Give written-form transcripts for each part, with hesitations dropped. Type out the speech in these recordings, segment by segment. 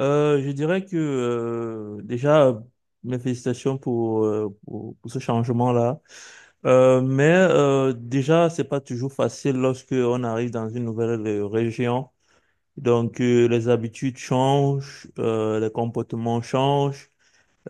Je dirais que déjà, mes félicitations pour, pour ce changement-là. Mais déjà, c'est pas toujours facile lorsque on arrive dans une nouvelle région. Donc, les habitudes changent, les comportements changent.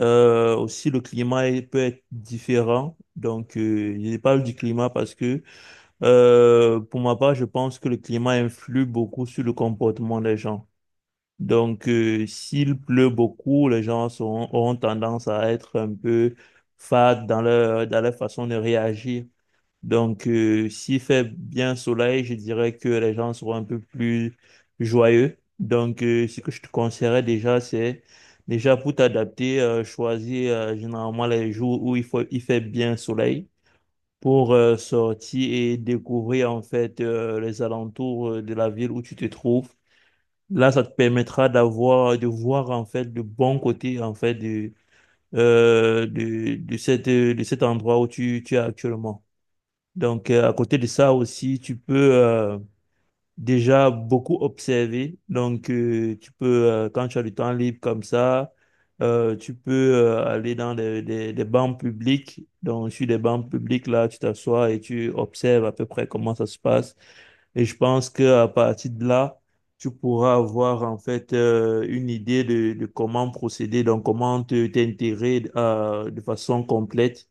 Aussi, peut être différent. Donc, je parle du climat parce que, pour ma part, je pense que le climat influe beaucoup sur le comportement des gens. Donc, s'il pleut beaucoup, auront tendance à être un peu fades dans dans leur façon de réagir. Donc, s'il fait bien soleil, je dirais que les gens seront un peu plus joyeux. Donc, ce que je te conseillerais déjà, c'est déjà pour t'adapter, choisir généralement les jours où il fait bien soleil pour sortir et découvrir en fait les alentours de la ville où tu te trouves. Là, ça te permettra de voir en fait le bon côté en fait de, de de cet endroit où tu es actuellement. Donc, à côté de ça aussi, déjà beaucoup observé. Donc, quand tu as du temps libre comme ça, tu peux aller dans des bancs publics. Donc, sur des bancs publics, là, tu t'assois et tu observes à peu près comment ça se passe. Et je pense qu'à partir de là, tu pourras avoir en fait une idée de comment procéder, donc comment te t'intégrer de façon complète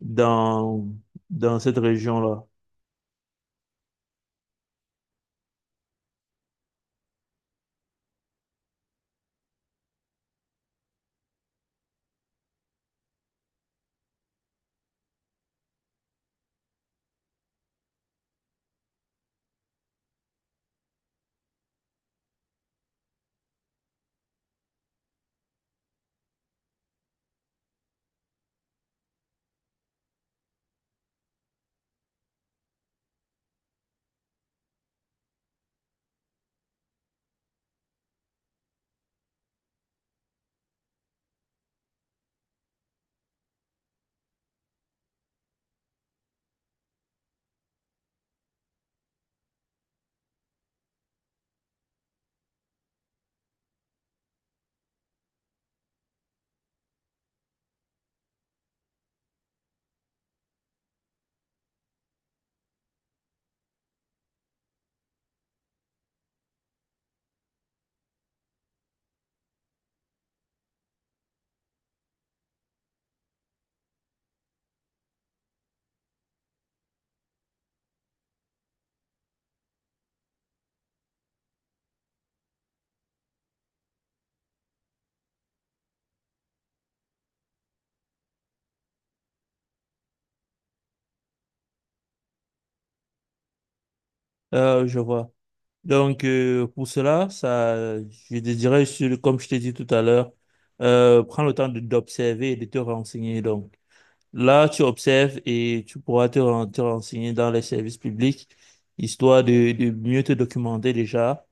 dans, dans cette région-là. Je vois. Donc, pour cela, ça, je désirais, comme je t'ai dit tout à l'heure, prends le temps d'observer et de te renseigner. Donc, là, tu observes et tu pourras te renseigner dans les services publics, histoire de mieux te documenter déjà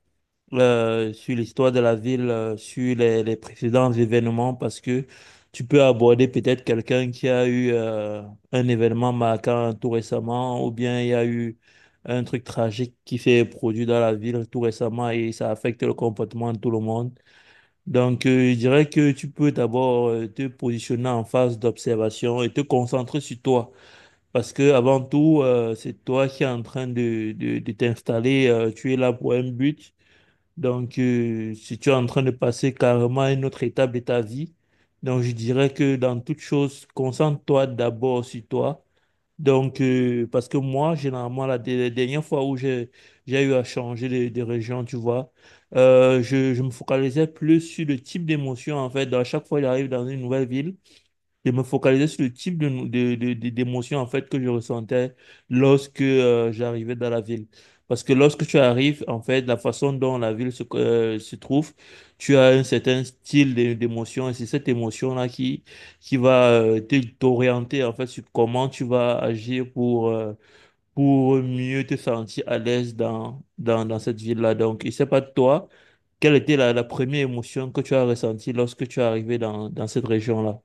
sur l'histoire de la ville, sur les précédents événements, parce que tu peux aborder peut-être quelqu'un qui a eu un événement marquant tout récemment, ou bien il y a eu un truc tragique qui s'est produit dans la ville tout récemment et ça affecte le comportement de tout le monde. Donc, je dirais que tu peux d'abord te positionner en phase d'observation et te concentrer sur toi. Parce que avant tout, c'est toi qui es en train de, de t'installer. Tu es là pour un but. Donc, si tu es en train de passer carrément à une autre étape de ta vie, donc je dirais que dans toute chose, concentre-toi d'abord sur toi. Donc, parce que moi, généralement, la dernière fois où j'ai eu à changer de région, tu vois, je me focalisais plus sur le type d'émotion, en fait. À chaque fois, j'arrive dans une nouvelle ville de me focaliser sur le type de, d'émotion en fait que je ressentais lorsque j'arrivais dans la ville. Parce que lorsque tu arrives, en fait, la façon dont la ville se trouve, tu as un certain d'émotion et c'est cette émotion-là qui va t'orienter en fait sur comment tu vas agir pour mieux te sentir à l'aise dans, dans, dans cette ville-là. Donc, je ne sais pas toi, quelle était la première émotion que tu as ressentie lorsque tu es arrivé dans, dans cette région-là?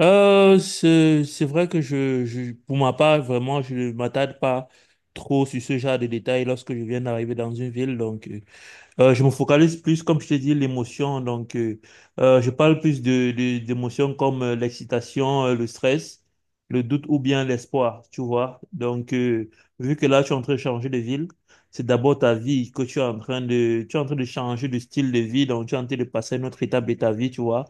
C'est vrai que pour ma part, vraiment, je ne m'attarde pas trop sur ce genre de détails lorsque je viens d'arriver dans une ville. Donc, je me focalise plus, comme je te dis, l'émotion. Donc, je parle plus de, d'émotions comme l'excitation, le stress, le doute ou bien l'espoir, tu vois. Donc, vu que là, tu es en train de changer de ville, c'est d'abord ta vie que tu es en train de, tu es en train de changer de style de vie. Donc, tu es en train de passer à une autre étape de ta vie, tu vois.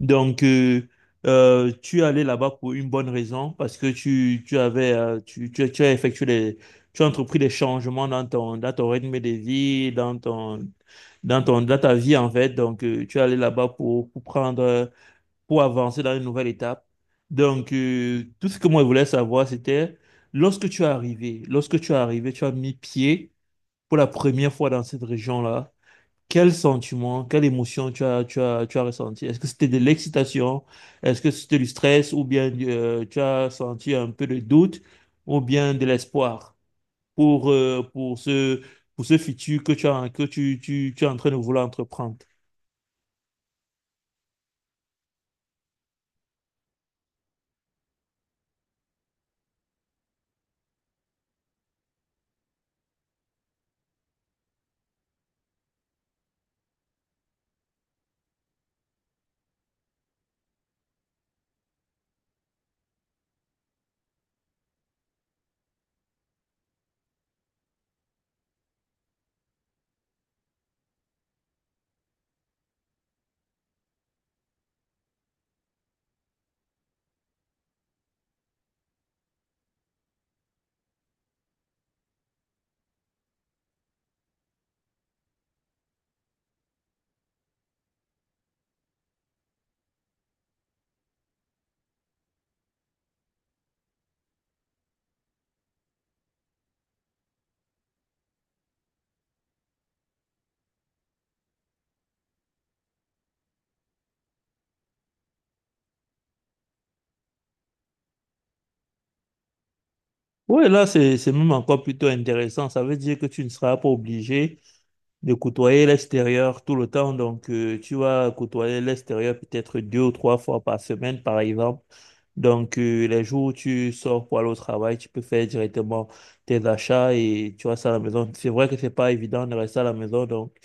Donc, tu es allé là-bas pour une bonne raison, parce que tu avais, tu as effectué les, tu as entrepris des changements dans ton rythme de vie, dans ton, dans ton, dans ta vie, en fait. Donc, tu es allé là-bas pour prendre, pour avancer dans une nouvelle étape. Donc, tout ce que moi je voulais savoir, c'était lorsque tu es arrivé, tu as mis pied pour la première fois dans cette région-là. Quel sentiment, quelle émotion tu as ressenti? Est-ce que c'était de l'excitation? Est-ce que c'était du stress? Ou bien tu as senti un peu de doute? Ou bien de l'espoir pour, euh, pour ce, pour ce futur que tu as, que tu es en train de vouloir entreprendre? Oui, là, c'est même encore plutôt intéressant. Ça veut dire que tu ne seras pas obligé de côtoyer l'extérieur tout le temps. Donc, tu vas côtoyer l'extérieur peut-être deux ou trois fois par semaine, par exemple. Donc, les jours où tu sors pour aller au travail, tu peux faire directement tes achats et tu restes à la maison. C'est vrai que c'est pas évident de rester à la maison. Donc,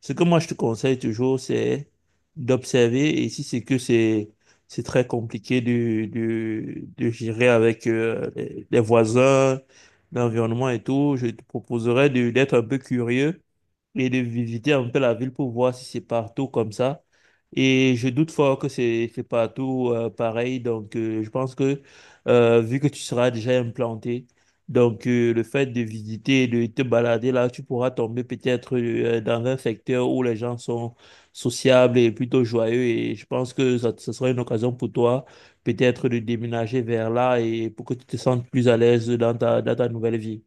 ce que moi, je te conseille toujours, c'est d'observer. Et si c'est que c'est très compliqué de gérer avec les voisins, l'environnement et tout, je te proposerais d'être un peu curieux et de visiter un peu la ville pour voir si c'est partout comme ça. Et je doute fort que c'est partout pareil. Donc, je pense que vu que tu seras déjà implanté, donc le fait de visiter, de te balader là, tu pourras tomber peut-être dans un secteur où les gens sont sociables et plutôt joyeux. Et je pense que ça sera une occasion pour toi peut-être de déménager vers là et pour que tu te sentes plus à l'aise dans ta nouvelle vie.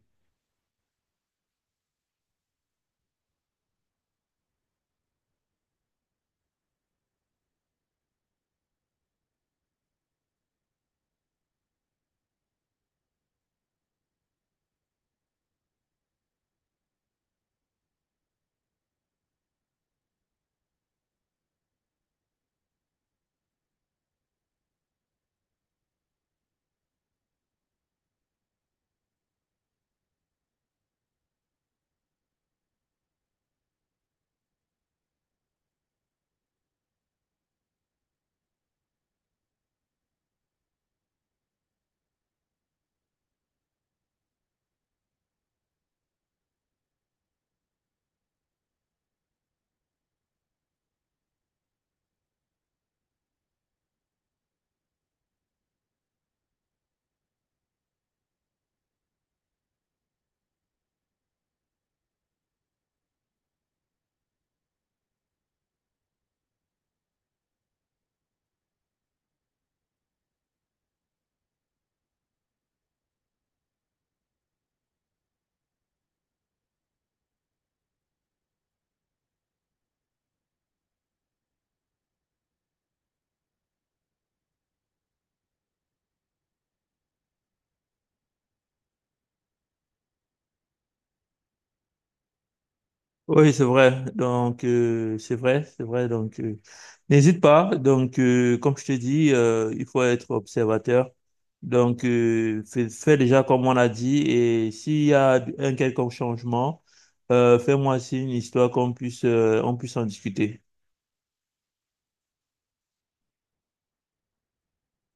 Oui, c'est vrai. Donc, c'est vrai, c'est vrai. Donc, n'hésite pas. Donc, comme je te dis, il faut être observateur. Donc, fais, fais déjà comme on a dit. Et s'il y a un quelconque changement, fais-moi signe histoire qu'on puisse, on puisse en discuter.